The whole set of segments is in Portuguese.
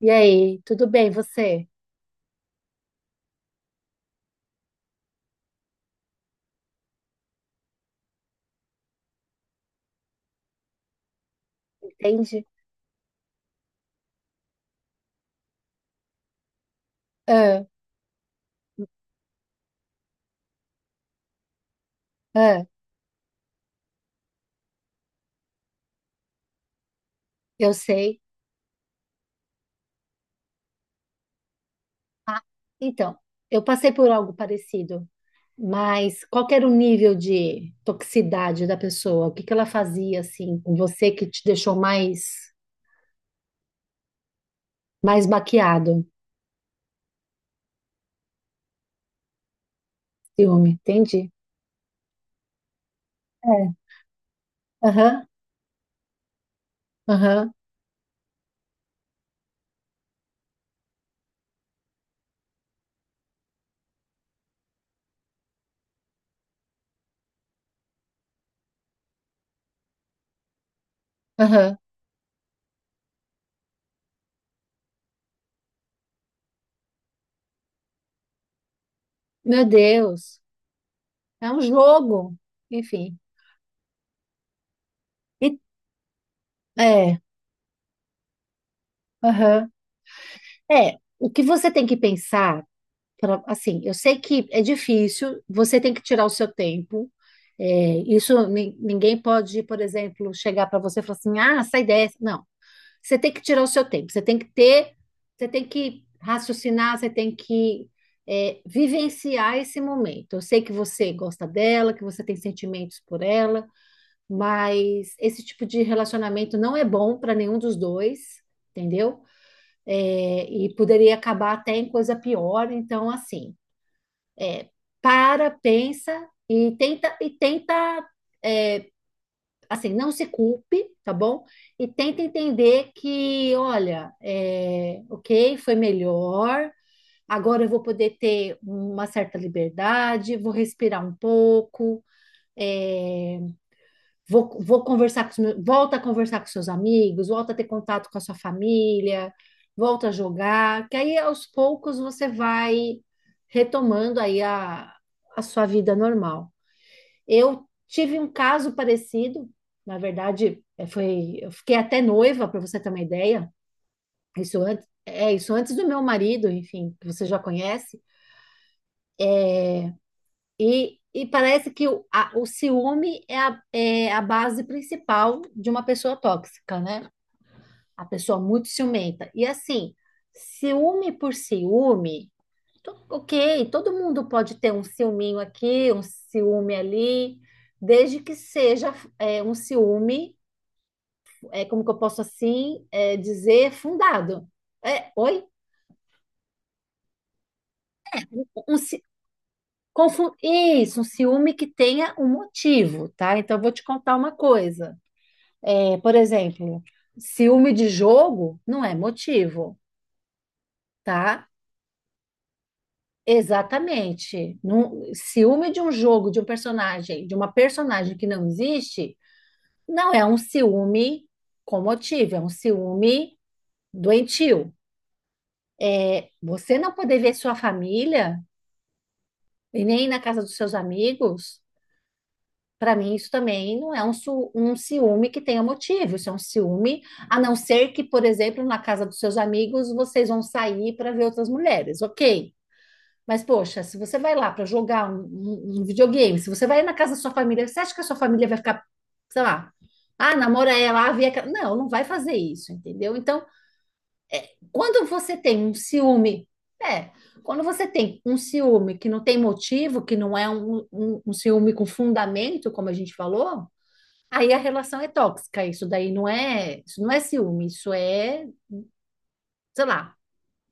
E aí, tudo bem, você? Entende? Ah, ah, eu sei. Ah, então, eu passei por algo parecido, mas qual que era o nível de toxicidade da pessoa? O que que ela fazia, assim, com você que te deixou mais baqueado? Ciúme, entende? É. Aham, aham, aham. Meu Deus, é um jogo. Enfim. E- É, aham. É, o que você tem que pensar. Assim, eu sei que é difícil, você tem que tirar o seu tempo. É, isso ninguém pode, por exemplo, chegar para você e falar assim, ah, essa ideia. Não, você tem que tirar o seu tempo, você tem que ter, você tem que raciocinar, você tem que vivenciar esse momento. Eu sei que você gosta dela, que você tem sentimentos por ela, mas esse tipo de relacionamento não é bom para nenhum dos dois, entendeu? É, e poderia acabar até em coisa pior. Então, assim. É, para, pensa e tenta é, assim, não se culpe, tá bom? E tenta entender que, olha, ok, foi melhor. Agora eu vou poder ter uma certa liberdade, vou respirar um pouco, é, vou conversar com os meus, volta a conversar com seus amigos, volta a ter contato com a sua família, volta a jogar, que aí aos poucos você vai retomando aí a sua vida normal. Eu tive um caso parecido, na verdade, eu fiquei até noiva, para você ter uma ideia, é isso antes do meu marido, enfim, que você já conhece, e parece que o ciúme é a base principal de uma pessoa tóxica, né? A pessoa muito ciumenta. E assim, ciúme por ciúme, ok, todo mundo pode ter um ciúminho aqui, um ciúme ali, desde que seja um ciúme, como que eu posso assim dizer, fundado. É, oi? Um, ci- Isso, um ciúme que tenha um motivo, tá? Então, eu vou te contar uma coisa. É, por exemplo, ciúme de jogo não é motivo, tá? Exatamente. Ciúme de um jogo, de um personagem, de uma personagem que não existe, não é um ciúme com motivo, é um ciúme doentio. É, você não poder ver sua família e nem ir na casa dos seus amigos, para mim isso também não é um ciúme que tenha motivo. Isso é um ciúme, a não ser que, por exemplo, na casa dos seus amigos vocês vão sair para ver outras mulheres, ok? Mas, poxa, se você vai lá para jogar um videogame, se você vai na casa da sua família, você acha que a sua família vai ficar, sei lá, ah, namora ela, ah, vê aquela. Não, não vai fazer isso, entendeu? Então, quando você tem um ciúme, é, quando você tem um ciúme que não tem motivo, que não é um ciúme com fundamento, como a gente falou, aí a relação é tóxica. Isso não é ciúme, isso é, sei lá,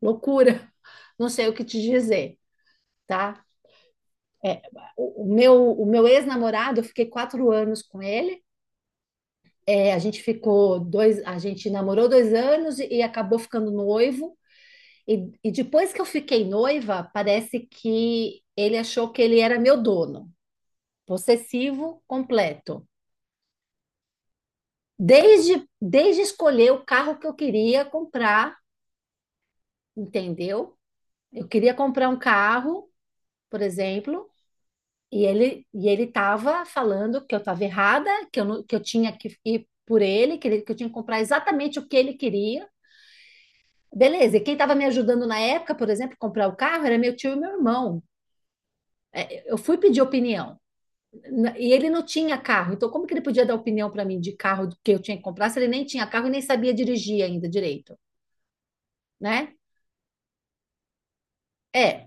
loucura. Não sei o que te dizer, tá? É, o meu ex-namorado, eu fiquei 4 anos com ele. É, a gente namorou 2 anos e acabou ficando noivo. E depois que eu fiquei noiva, parece que ele achou que ele era meu dono, possessivo completo. Desde escolher o carro que eu queria comprar, entendeu? Eu queria comprar um carro, por exemplo, E ele estava falando que eu estava errada, que eu, não- que eu tinha que ir por ele, que eu tinha que comprar exatamente o que ele queria. Beleza, e quem estava me ajudando na época, por exemplo, comprar o carro, era meu tio e meu irmão. Eu fui pedir opinião. E ele não tinha carro, então como que ele podia dar opinião para mim de carro que eu tinha que comprar se ele nem tinha carro e nem sabia dirigir ainda direito, né? É.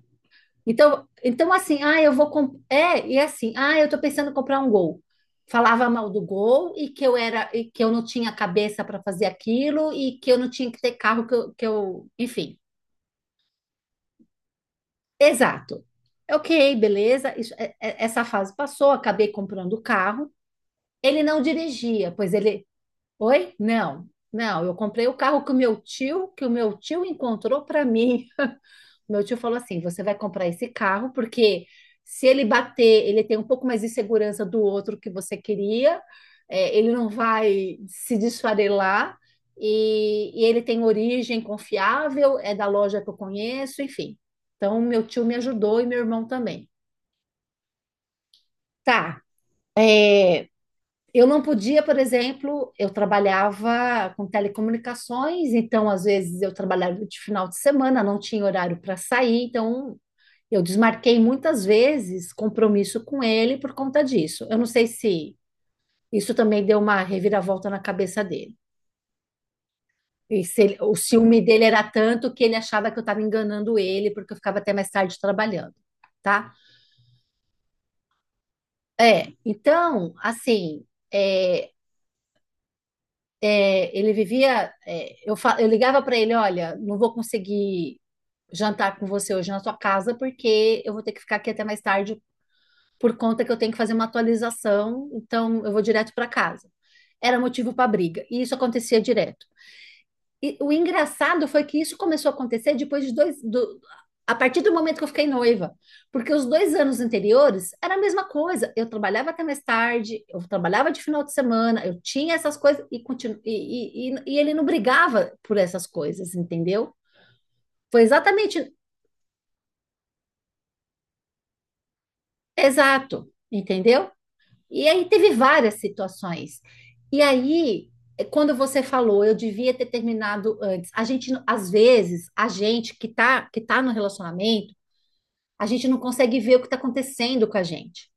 Então assim, ah, eu vou comp... é, e assim, ah, eu tô pensando em comprar um Gol. Falava mal do Gol e que eu era e que eu não tinha cabeça para fazer aquilo e que eu não tinha que ter carro que eu... enfim. Exato. Ok, beleza. Essa fase passou, acabei comprando o carro. Ele não dirigia, oi? Não. Não, eu comprei o carro que o meu tio encontrou para mim. Meu tio falou assim: você vai comprar esse carro, porque se ele bater, ele tem um pouco mais de segurança do outro que você queria, ele não vai se desfarelar, e ele tem origem confiável, é da loja que eu conheço, enfim. Então, meu tio me ajudou e meu irmão também. Tá. é, eu não podia, por exemplo, eu trabalhava com telecomunicações, então às vezes eu trabalhava de final de semana, não tinha horário para sair, então eu desmarquei muitas vezes compromisso com ele por conta disso. Eu não sei se isso também deu uma reviravolta na cabeça dele. E se ele- O ciúme dele era tanto que ele achava que eu estava enganando ele, porque eu ficava até mais tarde trabalhando, tá? É, então, assim, é, ele vivia. Eu ligava para ele: olha, não vou conseguir jantar com você hoje na sua casa, porque eu vou ter que ficar aqui até mais tarde por conta que eu tenho que fazer uma atualização, então eu vou direto para casa. Era motivo para briga, e isso acontecia direto. E o engraçado foi que isso começou a acontecer depois de dois. Do, a partir do momento que eu fiquei noiva, porque os 2 anos anteriores era a mesma coisa. Eu trabalhava até mais tarde, eu trabalhava de final de semana, eu tinha essas coisas e, continu, e ele não brigava por essas coisas, entendeu? Foi exatamente exato, entendeu? E aí teve várias situações. E aí, quando você falou, eu devia ter terminado antes. A gente, às vezes, a gente que tá no relacionamento, a gente não consegue ver o que está acontecendo com a gente.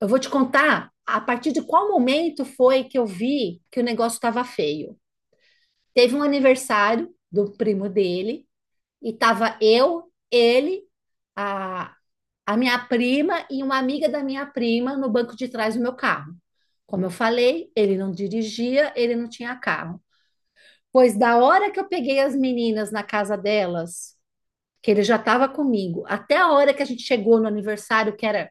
Eu vou te contar a partir de qual momento foi que eu vi que o negócio estava feio. Teve um aniversário do primo dele e tava eu, ele, a, a minha prima e uma amiga da minha prima no banco de trás do meu carro. Como eu falei, ele não dirigia, ele não tinha carro. Pois da hora que eu peguei as meninas na casa delas, que ele já estava comigo, até a hora que a gente chegou no aniversário, que era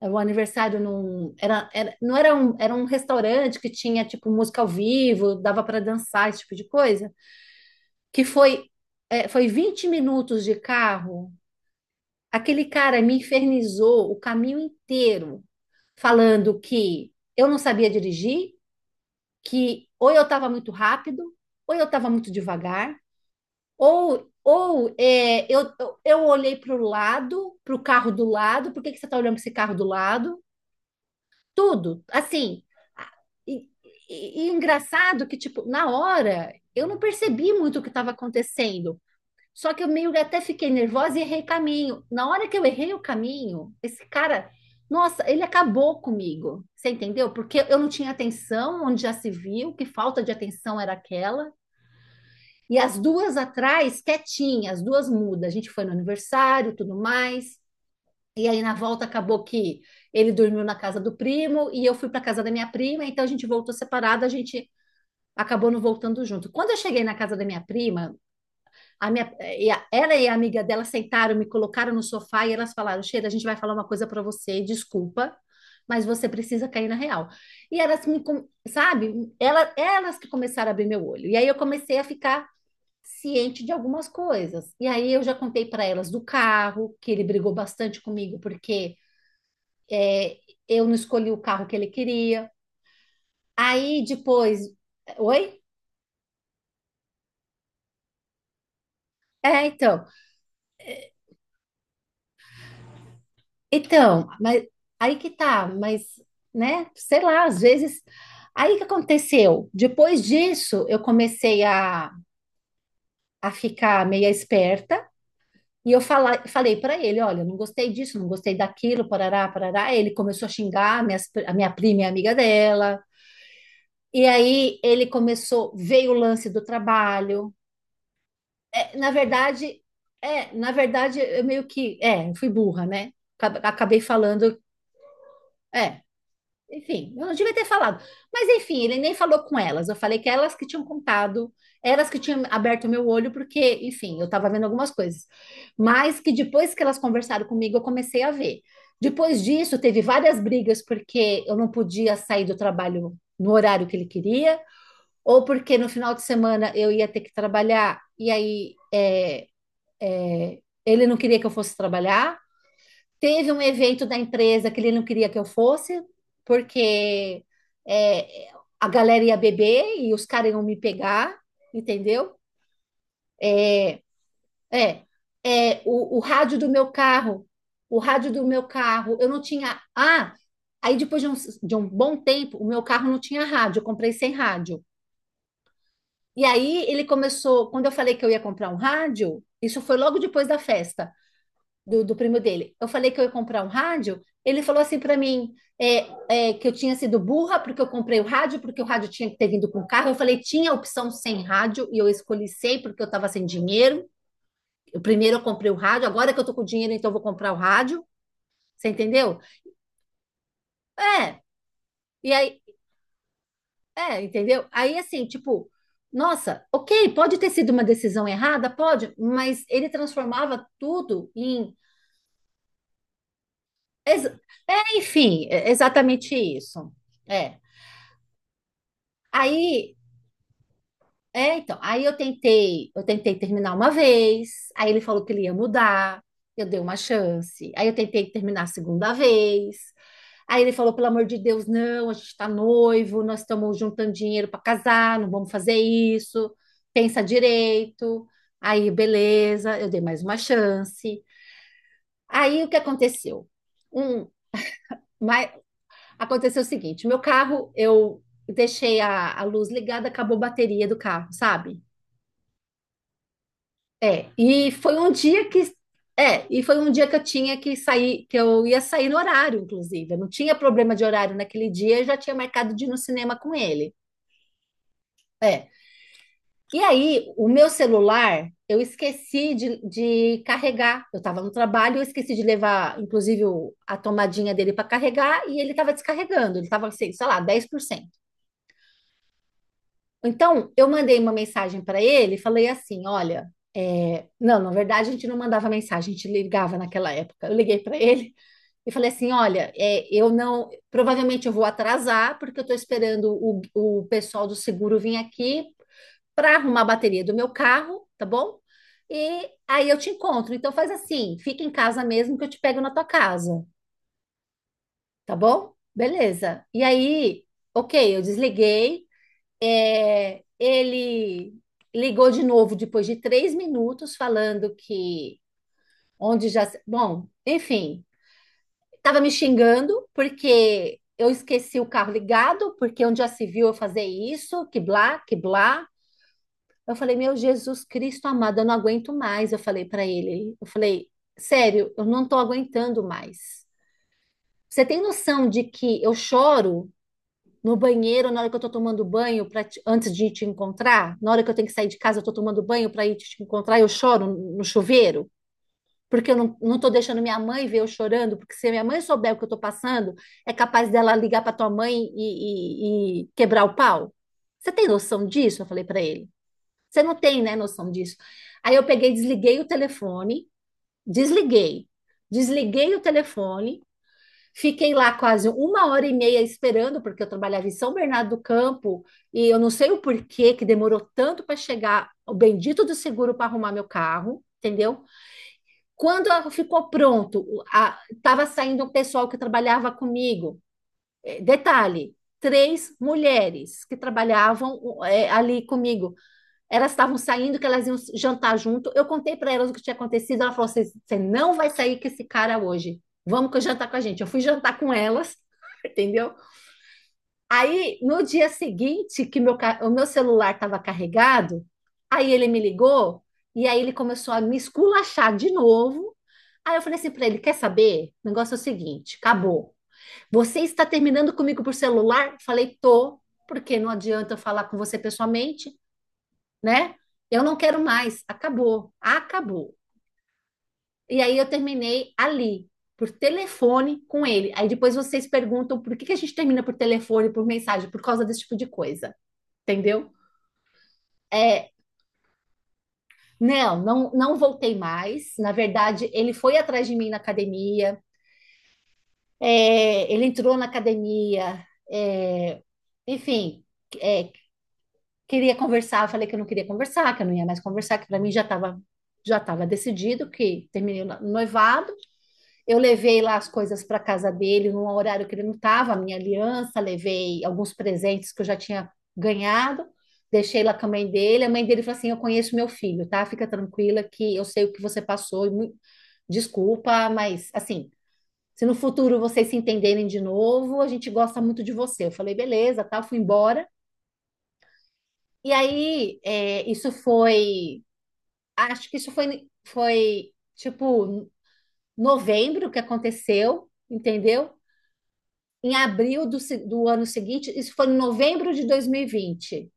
era um aniversário num. Era, não era um, era um restaurante que tinha, tipo, música ao vivo, dava para dançar, esse tipo de coisa. Que foi, foi 20 minutos de carro. Aquele cara me infernizou o caminho inteiro, falando que eu não sabia dirigir, que ou eu estava muito rápido, ou eu estava muito devagar, ou é, eu olhei para o lado, para o carro do lado, por que que você está olhando para esse carro do lado? Tudo, assim. a- E, e engraçado que, tipo, na hora, eu não percebi muito o que estava acontecendo, só que eu meio que até fiquei nervosa e errei caminho. Na hora que eu errei o caminho, esse cara, nossa, ele acabou comigo. Você entendeu? Porque eu não tinha atenção, onde já se viu, que falta de atenção era aquela. E as duas atrás, quietinhas, as duas mudas. A gente foi no aniversário, tudo mais. E aí na volta acabou que ele dormiu na casa do primo e eu fui para casa da minha prima, então a gente voltou separada, a gente acabou não voltando junto. Quando eu cheguei na casa da minha prima, a minha, e a- ela e a amiga dela sentaram, me colocaram no sofá e elas falaram: Sheila, a gente vai falar uma coisa para você, desculpa, mas você precisa cair na real. Sabe, elas que começaram a abrir meu olho. E aí eu comecei a ficar ciente de algumas coisas. E aí eu já contei para elas do carro, que ele brigou bastante comigo, porque é, eu não escolhi o carro que ele queria. Aí depois. Oi? É, então. Então, mas aí que tá, mas, né, sei lá, às vezes. Aí que aconteceu? Depois disso, eu comecei a ficar meia esperta e eu falei para ele: olha, não gostei disso, não gostei daquilo, parará, parará. Aí ele começou a xingar a minha prima e a amiga dela. E aí ele começou, veio o lance do trabalho. É, na verdade, na verdade, eu meio que, fui burra, né? Acabei falando. É, Enfim, eu não devia ter falado. Mas enfim, ele nem falou com elas. Eu falei que elas que tinham contado, elas que tinham aberto meu olho, porque, enfim, eu estava vendo algumas coisas. Mas que depois que elas conversaram comigo, eu comecei a ver. Depois disso, teve várias brigas, porque eu não podia sair do trabalho no horário que ele queria, ou porque no final de semana eu ia ter que trabalhar, e aí é, ele não queria que eu fosse trabalhar. Teve um evento da empresa que ele não queria que eu fosse, porque é, a galera ia beber e os caras iam me pegar, entendeu? É, o rádio do meu carro, o rádio do meu carro, eu não tinha. Ah, aí depois de um bom tempo, o meu carro não tinha rádio, eu comprei sem rádio. E aí ele começou, quando eu falei que eu ia comprar um rádio, isso foi logo depois da festa do primo dele. Eu falei que eu ia comprar um rádio. Ele falou assim para mim que eu tinha sido burra porque eu comprei o rádio, porque o rádio tinha que ter vindo com o carro. Eu falei, tinha a opção sem rádio e eu escolhi sem porque eu estava sem dinheiro. Primeiro eu comprei o rádio, agora que eu tô com dinheiro, então eu vou comprar o rádio. Você entendeu? É, e aí, entendeu? Aí assim, tipo, nossa, ok, pode ter sido uma decisão errada, pode, mas ele transformava tudo em. ex- enfim, é exatamente isso. É. Aí, então, aí eu tentei terminar uma vez, aí ele falou que ele ia mudar, eu dei uma chance. Aí eu tentei terminar a segunda vez. Aí ele falou, pelo amor de Deus, não, a gente tá noivo, nós estamos juntando dinheiro para casar, não vamos fazer isso. Pensa direito. Aí, beleza, eu dei mais uma chance. Aí o que aconteceu? Um, mas aconteceu o seguinte, meu carro, eu deixei a luz ligada, acabou a bateria do carro, sabe? É, e foi um dia que e foi um dia que eu tinha que sair, que eu ia sair no horário, inclusive. Eu não tinha problema de horário naquele dia, eu já tinha marcado de ir no cinema com ele. É. E aí, o meu celular, eu esqueci de carregar. Eu estava no trabalho, eu esqueci de levar, inclusive, a tomadinha dele para carregar e ele estava descarregando. Ele estava, sei lá, 10%. Então, eu mandei uma mensagem para ele, e falei assim: olha, não, na verdade a gente não mandava mensagem, a gente ligava naquela época. Eu liguei para ele e falei assim: olha, eu não, provavelmente eu vou atrasar, porque eu estou esperando o pessoal do seguro vir aqui para arrumar a bateria do meu carro, tá bom? E aí eu te encontro. Então faz assim: fica em casa mesmo que eu te pego na tua casa, tá bom? Beleza. E aí, ok, eu desliguei. Ele ligou de novo depois de 3 minutos, falando que onde já. Se- Bom, enfim, estava me xingando porque eu esqueci o carro ligado, porque onde já se viu eu fazer isso, que blá, que blá. Eu falei, meu Jesus Cristo amado, eu não aguento mais. Eu falei para ele, eu falei, sério, eu não estou aguentando mais. Você tem noção de que eu choro? No banheiro, na hora que eu tô tomando banho, antes de te encontrar, na hora que eu tenho que sair de casa, eu tô tomando banho para ir te encontrar, eu choro no chuveiro, porque eu não tô deixando minha mãe ver eu chorando, porque se a minha mãe souber o que eu tô passando, é capaz dela ligar para tua mãe e quebrar o pau. Você tem noção disso? Eu falei para ele. Você não tem, né, noção disso. Aí eu peguei, desliguei o telefone, desliguei, desliguei o telefone. Fiquei lá quase 1 hora e meia esperando, porque eu trabalhava em São Bernardo do Campo, e eu não sei o porquê que demorou tanto para chegar o bendito do seguro para arrumar meu carro, entendeu? Quando ficou pronto, estava saindo o pessoal que trabalhava comigo. Detalhe, três mulheres que trabalhavam ali comigo. Elas estavam saindo, que elas iam jantar junto. Eu contei para elas o que tinha acontecido. Ela falou: você não vai sair com esse cara hoje. Vamos que eu jantar com a gente. Eu fui jantar com elas, entendeu? Aí, no dia seguinte, o meu celular estava carregado, aí ele me ligou e aí ele começou a me esculachar de novo. Aí eu falei assim para ele: quer saber? O negócio é o seguinte: acabou. Você está terminando comigo por celular? Falei, tô, porque não adianta eu falar com você pessoalmente, né? Eu não quero mais, acabou, acabou. E aí eu terminei ali, por telefone com ele. Aí depois vocês perguntam por que que a gente termina por telefone, por mensagem, por causa desse tipo de coisa, entendeu? É, não, não, não voltei mais. Na verdade, ele foi atrás de mim na academia, ele entrou na academia, é, enfim, é, queria conversar, eu falei que eu não queria conversar, que eu não ia mais conversar, que para mim já estava decidido que terminei o noivado. Eu levei lá as coisas para casa dele num horário que ele não estava, a minha aliança, levei alguns presentes que eu já tinha ganhado, deixei lá com a mãe dele. A mãe dele falou assim: Eu conheço meu filho, tá? Fica tranquila que eu sei o que você passou. Desculpa, mas assim, se no futuro vocês se entenderem de novo, a gente gosta muito de você. Eu falei, beleza, tal, fui embora. E aí, isso foi. Acho que isso foi tipo novembro que aconteceu, entendeu? Em abril do, do ano seguinte, Isso foi em novembro de 2020.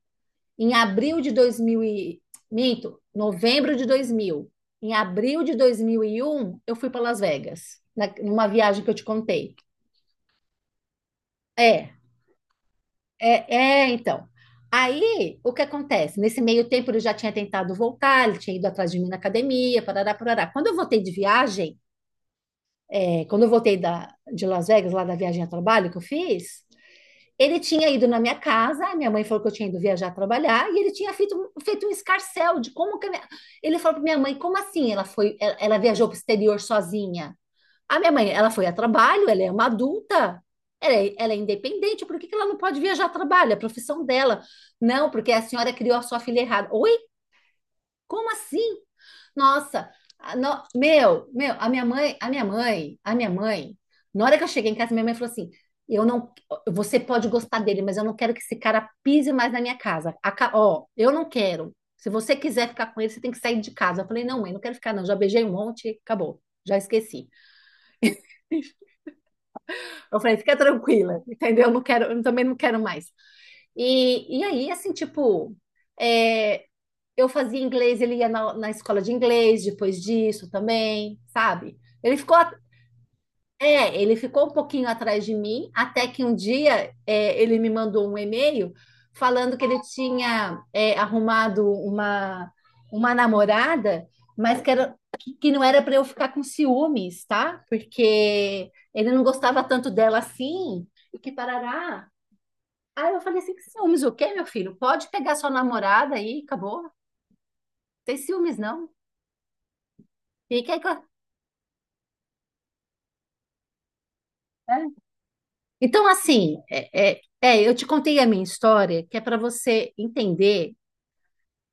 Em abril de 2000 e, minto, novembro de 2000. Em abril de 2001, eu fui para Las Vegas, numa viagem que eu te contei. É, é, é, então. Aí, o que acontece? Nesse meio tempo, ele já tinha tentado voltar, ele tinha ido atrás de mim na academia, parará, parará. Quando eu voltei de viagem, quando eu voltei de Las Vegas, lá da viagem a trabalho que eu fiz, ele tinha ido na minha casa, minha mãe falou que eu tinha ido viajar trabalhar, e ele tinha feito um escarcel de como que a minha... Ele falou para minha mãe, como assim ela foi, ela viajou para o exterior sozinha? A minha mãe, ela foi a trabalho, ela é uma adulta, ela é independente, por que, que ela não pode viajar a trabalho? É a profissão dela. Não, porque a senhora criou a sua filha errada. Oi? Como assim? Nossa, a no- meu, a minha mãe, a minha mãe, a minha mãe, na hora que eu cheguei em casa, minha mãe falou assim: Eu não, você pode gostar dele, mas eu não quero que esse cara pise mais na minha casa. Ó, eu não quero. Se você quiser ficar com ele, você tem que sair de casa. Eu falei: Não, mãe, não quero ficar, não. Já beijei um monte, acabou. Já esqueci. Eu falei: Fica tranquila, entendeu? Eu não quero, eu também não quero mais. E aí, assim, tipo, é, eu fazia inglês, ele ia na escola de inglês depois disso também, sabe? Ele ficou, ele ficou um pouquinho atrás de mim, até que um dia ele me mandou um e-mail falando que ele tinha arrumado uma namorada, mas que não era para eu ficar com ciúmes, tá? Porque ele não gostava tanto dela assim, e que parará. Aí eu falei assim, que ciúmes o quê, meu filho? Pode pegar sua namorada aí, acabou. Não tem ciúmes, não. Fica aí com... é. Então, assim, eu te contei a minha história, que é para você entender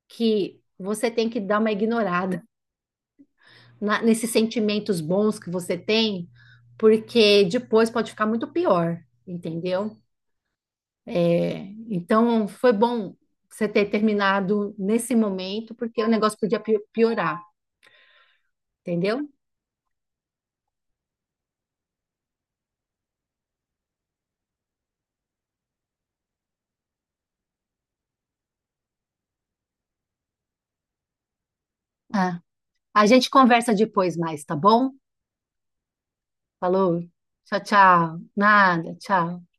que você tem que dar uma ignorada nesses sentimentos bons que você tem, porque depois pode ficar muito pior, entendeu? É, então, foi bom você ter terminado nesse momento, porque o negócio podia piorar, entendeu? A gente conversa depois mais, tá bom? Falou. Tchau, tchau. Nada, tchau.